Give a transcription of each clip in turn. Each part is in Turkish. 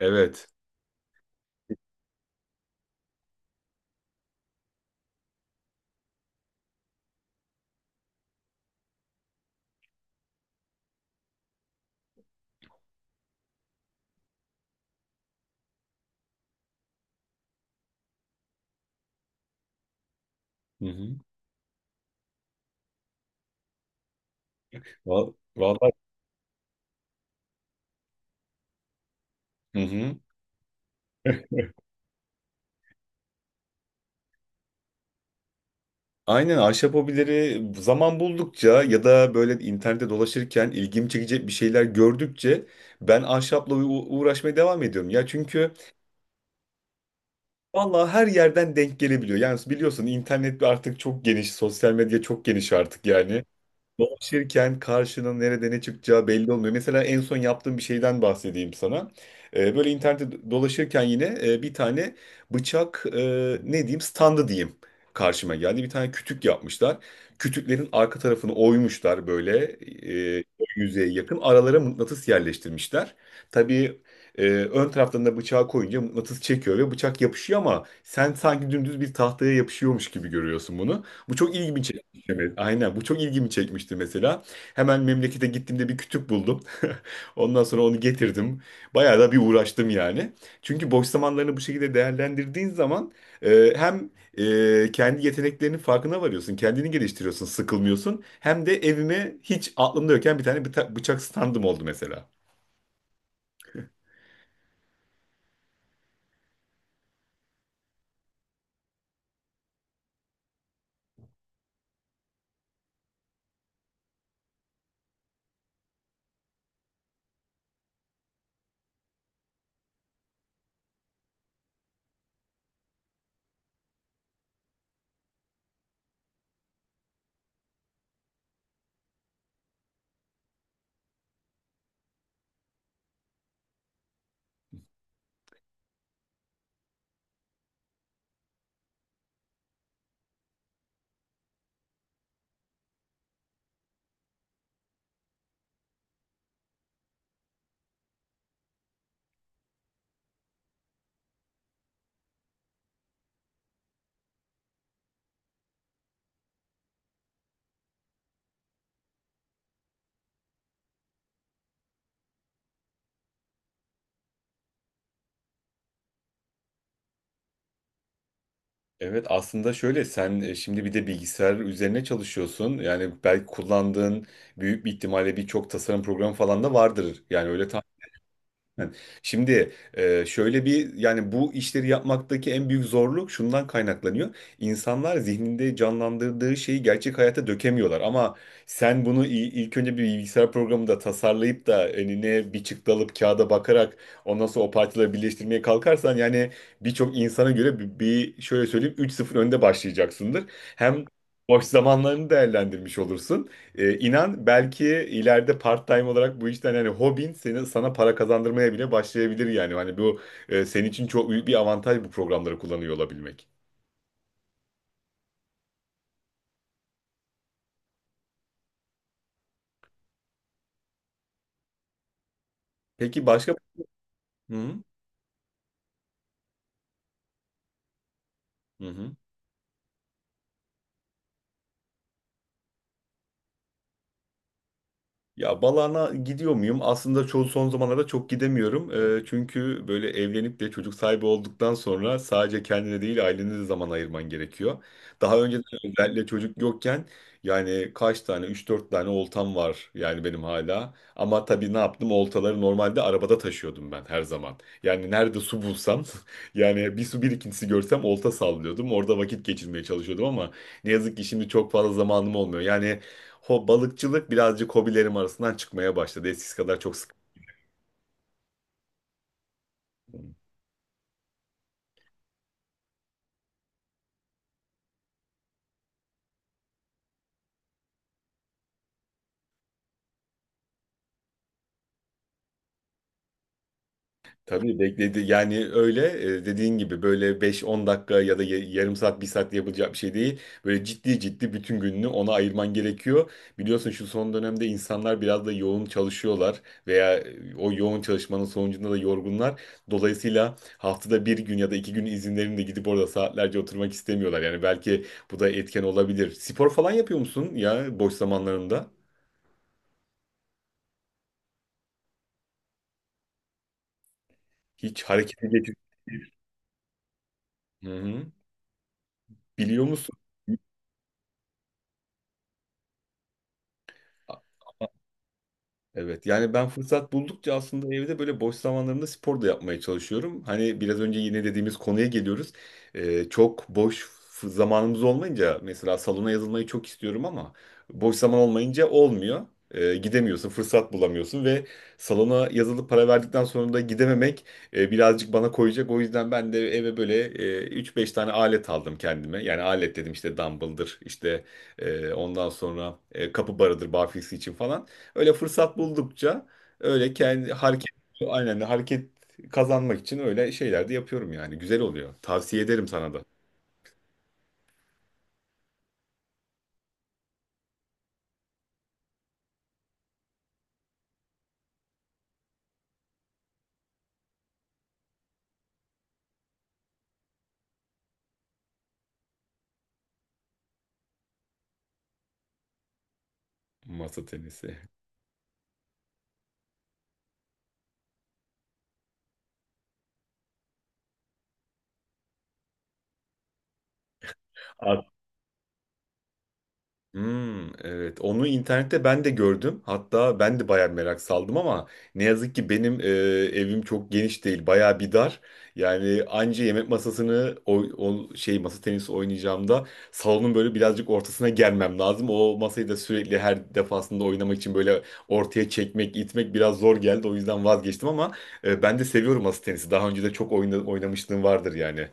Evet. Hı hı. Vallahi. Hı hı. Aynen, ahşap hobileri zaman buldukça ya da böyle internette dolaşırken ilgimi çekecek bir şeyler gördükçe ben ahşapla uğraşmaya devam ediyorum. Ya çünkü vallahi her yerden denk gelebiliyor. Yani biliyorsun, internet artık çok geniş, sosyal medya çok geniş artık yani. Dolaşırken karşının nerede ne çıkacağı belli olmuyor. Mesela en son yaptığım bir şeyden bahsedeyim sana. Böyle internette dolaşırken yine bir tane bıçak, ne diyeyim, standı diyeyim, karşıma geldi. Bir tane kütük yapmışlar. Kütüklerin arka tarafını oymuşlar böyle, e, yüzeye yakın. Aralara mıknatıs yerleştirmişler. Tabii ön taraftan da bıçağı koyunca mıknatıs çekiyor ve bıçak yapışıyor, ama sen sanki dümdüz bir tahtaya yapışıyormuş gibi görüyorsun bunu. Bu çok ilginç. Evet, aynen. Bu çok ilgimi çekmişti mesela. Hemen memlekete gittiğimde bir kütük buldum. Ondan sonra onu getirdim. Bayağı da bir uğraştım yani. Çünkü boş zamanlarını bu şekilde değerlendirdiğin zaman hem kendi yeteneklerinin farkına varıyorsun, kendini geliştiriyorsun, sıkılmıyorsun. Hem de evime hiç aklımda yokken bir tane bıçak standım oldu mesela. Evet, aslında şöyle, sen şimdi bir de bilgisayar üzerine çalışıyorsun. Yani belki kullandığın, büyük bir ihtimalle birçok tasarım programı falan da vardır. Yani öyle. Şimdi şöyle bir, yani bu işleri yapmaktaki en büyük zorluk şundan kaynaklanıyor. İnsanlar zihninde canlandırdığı şeyi gerçek hayata dökemiyorlar, ama sen bunu ilk önce bir bilgisayar programında tasarlayıp da önüne bir çıktı alıp kağıda bakarak ondan sonra o parçaları birleştirmeye kalkarsan, yani birçok insana göre bir şöyle söyleyeyim, üç sıfır önde başlayacaksındır. Hem boş zamanlarını değerlendirmiş olursun. İnan belki ileride part-time olarak bu işten, hani hobin seni, sana para kazandırmaya bile başlayabilir yani. Hani bu senin için çok büyük bir avantaj, bu programları kullanıyor olabilmek. Peki başka... Hı hı. Hı hı. Ya, Balana gidiyor muyum? Aslında çoğu, son zamanlarda çok gidemiyorum. Çünkü böyle evlenip de çocuk sahibi olduktan sonra sadece kendine değil, ailene de zaman ayırman gerekiyor. Daha önceden, özellikle çocuk yokken, yani kaç tane, üç dört tane oltam var yani benim hala. Ama tabii ne yaptım? Oltaları normalde arabada taşıyordum ben her zaman. Yani nerede su bulsam yani bir su birikintisi görsem olta sallıyordum. Orada vakit geçirmeye çalışıyordum, ama ne yazık ki şimdi çok fazla zamanım olmuyor. Yani balıkçılık birazcık hobilerim arasından çıkmaya başladı. Eskisi kadar çok sık. Tabii bekledi. Yani öyle, dediğin gibi böyle beş on dakika ya da yarım saat, bir saatte yapılacak bir şey değil. Böyle ciddi ciddi bütün gününü ona ayırman gerekiyor. Biliyorsun, şu son dönemde insanlar biraz da yoğun çalışıyorlar veya o yoğun çalışmanın sonucunda da yorgunlar. Dolayısıyla haftada bir gün ya da iki gün izinlerinde gidip orada saatlerce oturmak istemiyorlar. Yani belki bu da etken olabilir. Spor falan yapıyor musun ya, boş zamanlarında? Hiç harekete geçip, hı hı, biliyor musun? Evet, yani ben fırsat buldukça aslında evde böyle boş zamanlarımda spor da yapmaya çalışıyorum. Hani biraz önce yine dediğimiz konuya geliyoruz. Çok boş zamanımız olmayınca mesela salona yazılmayı çok istiyorum, ama boş zaman olmayınca olmuyor. Gidemiyorsun, fırsat bulamıyorsun ve salona yazılıp para verdikten sonra da gidememek birazcık bana koyacak. O yüzden ben de eve böyle 3-5 tane alet aldım kendime. Yani alet dedim, işte dumbbell'dır, işte ondan sonra kapı barıdır barfiks için falan. Öyle fırsat buldukça öyle kendi hareket, aynen hareket kazanmak için öyle şeyler de yapıyorum yani. Güzel oluyor. Tavsiye ederim sana da masa tenisi. Hmm, evet. Onu internette ben de gördüm. Hatta ben de bayağı merak saldım, ama ne yazık ki benim evim çok geniş değil. Bayağı bir dar. Yani anca yemek masasını o şey, masa tenisi oynayacağımda salonun böyle birazcık ortasına gelmem lazım. O masayı da sürekli her defasında oynamak için böyle ortaya çekmek, itmek biraz zor geldi. O yüzden vazgeçtim, ama ben de seviyorum masa tenisi. Daha önce de çok oynamışlığım vardır yani.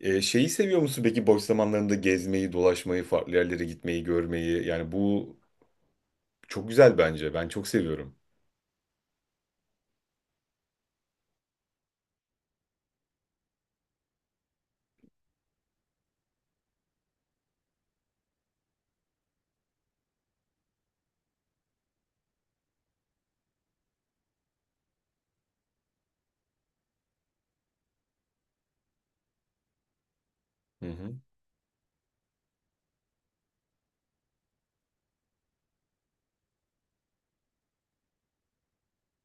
Şeyi seviyor musun peki, boş zamanlarında gezmeyi, dolaşmayı, farklı yerlere gitmeyi, görmeyi? Yani bu çok güzel bence. Ben çok seviyorum. Hı hı.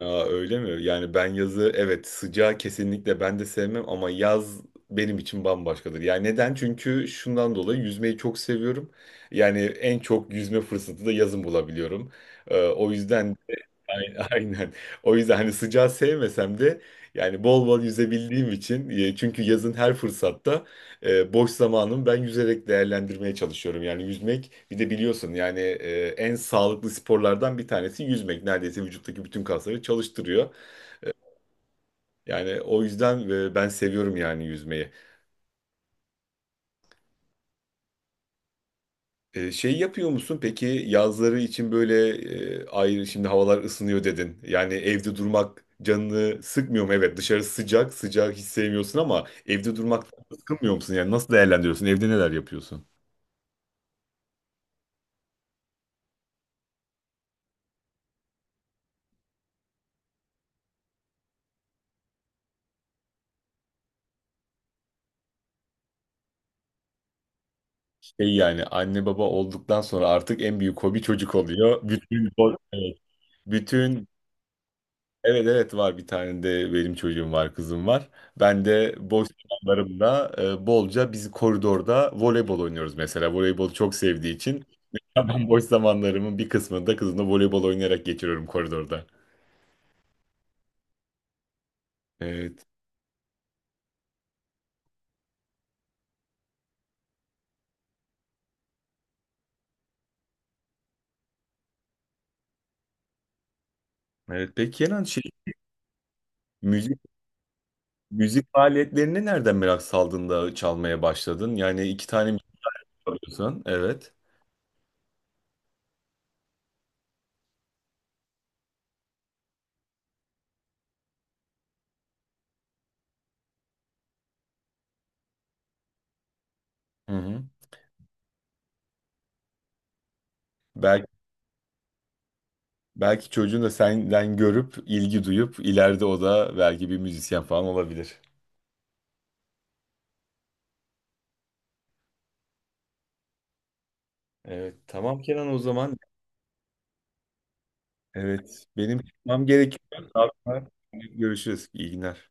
Aa, öyle mi? Yani ben yazı, evet sıcağı kesinlikle ben de sevmem, ama yaz benim için bambaşkadır. Yani neden? Çünkü şundan dolayı yüzmeyi çok seviyorum. Yani en çok yüzme fırsatı da yazın bulabiliyorum. O yüzden, ay- aynen. O yüzden hani sıcağı sevmesem de yani bol bol yüzebildiğim için, çünkü yazın her fırsatta boş zamanımı ben yüzerek değerlendirmeye çalışıyorum. Yani yüzmek, bir de biliyorsun yani en sağlıklı sporlardan bir tanesi yüzmek. Neredeyse vücuttaki bütün kasları çalıştırıyor. Yani o yüzden ben seviyorum yani yüzmeyi. Şey yapıyor musun peki yazları için böyle ayrı, şimdi havalar ısınıyor dedin. Yani evde durmak canını sıkmıyor mu? Evet, dışarı sıcak sıcak hiç sevmiyorsun, ama evde durmak sıkılmıyor musun? Yani nasıl değerlendiriyorsun? Evde neler yapıyorsun? Şey, yani anne baba olduktan sonra artık en büyük hobi çocuk oluyor. Bütün, evet, bütün. Evet, evet, var, bir tane de benim çocuğum var, kızım var. Ben de boş zamanlarımda bolca biz koridorda voleybol oynuyoruz mesela. Voleybol çok sevdiği için mesela ben boş zamanlarımın bir kısmını da kızımla voleybol oynayarak geçiriyorum koridorda. Evet. Evet peki Kenan, müzik müzik faaliyetlerine nereden merak saldın da çalmaya başladın? Yani iki tane mi çalıyorsun? Evet. Hı hı. Belki belki çocuğun da senden görüp, ilgi duyup ileride o da belki bir müzisyen falan olabilir. Evet, tamam Kenan o zaman. Evet, benim çıkmam gerekiyor. Görüşürüz. İyi günler.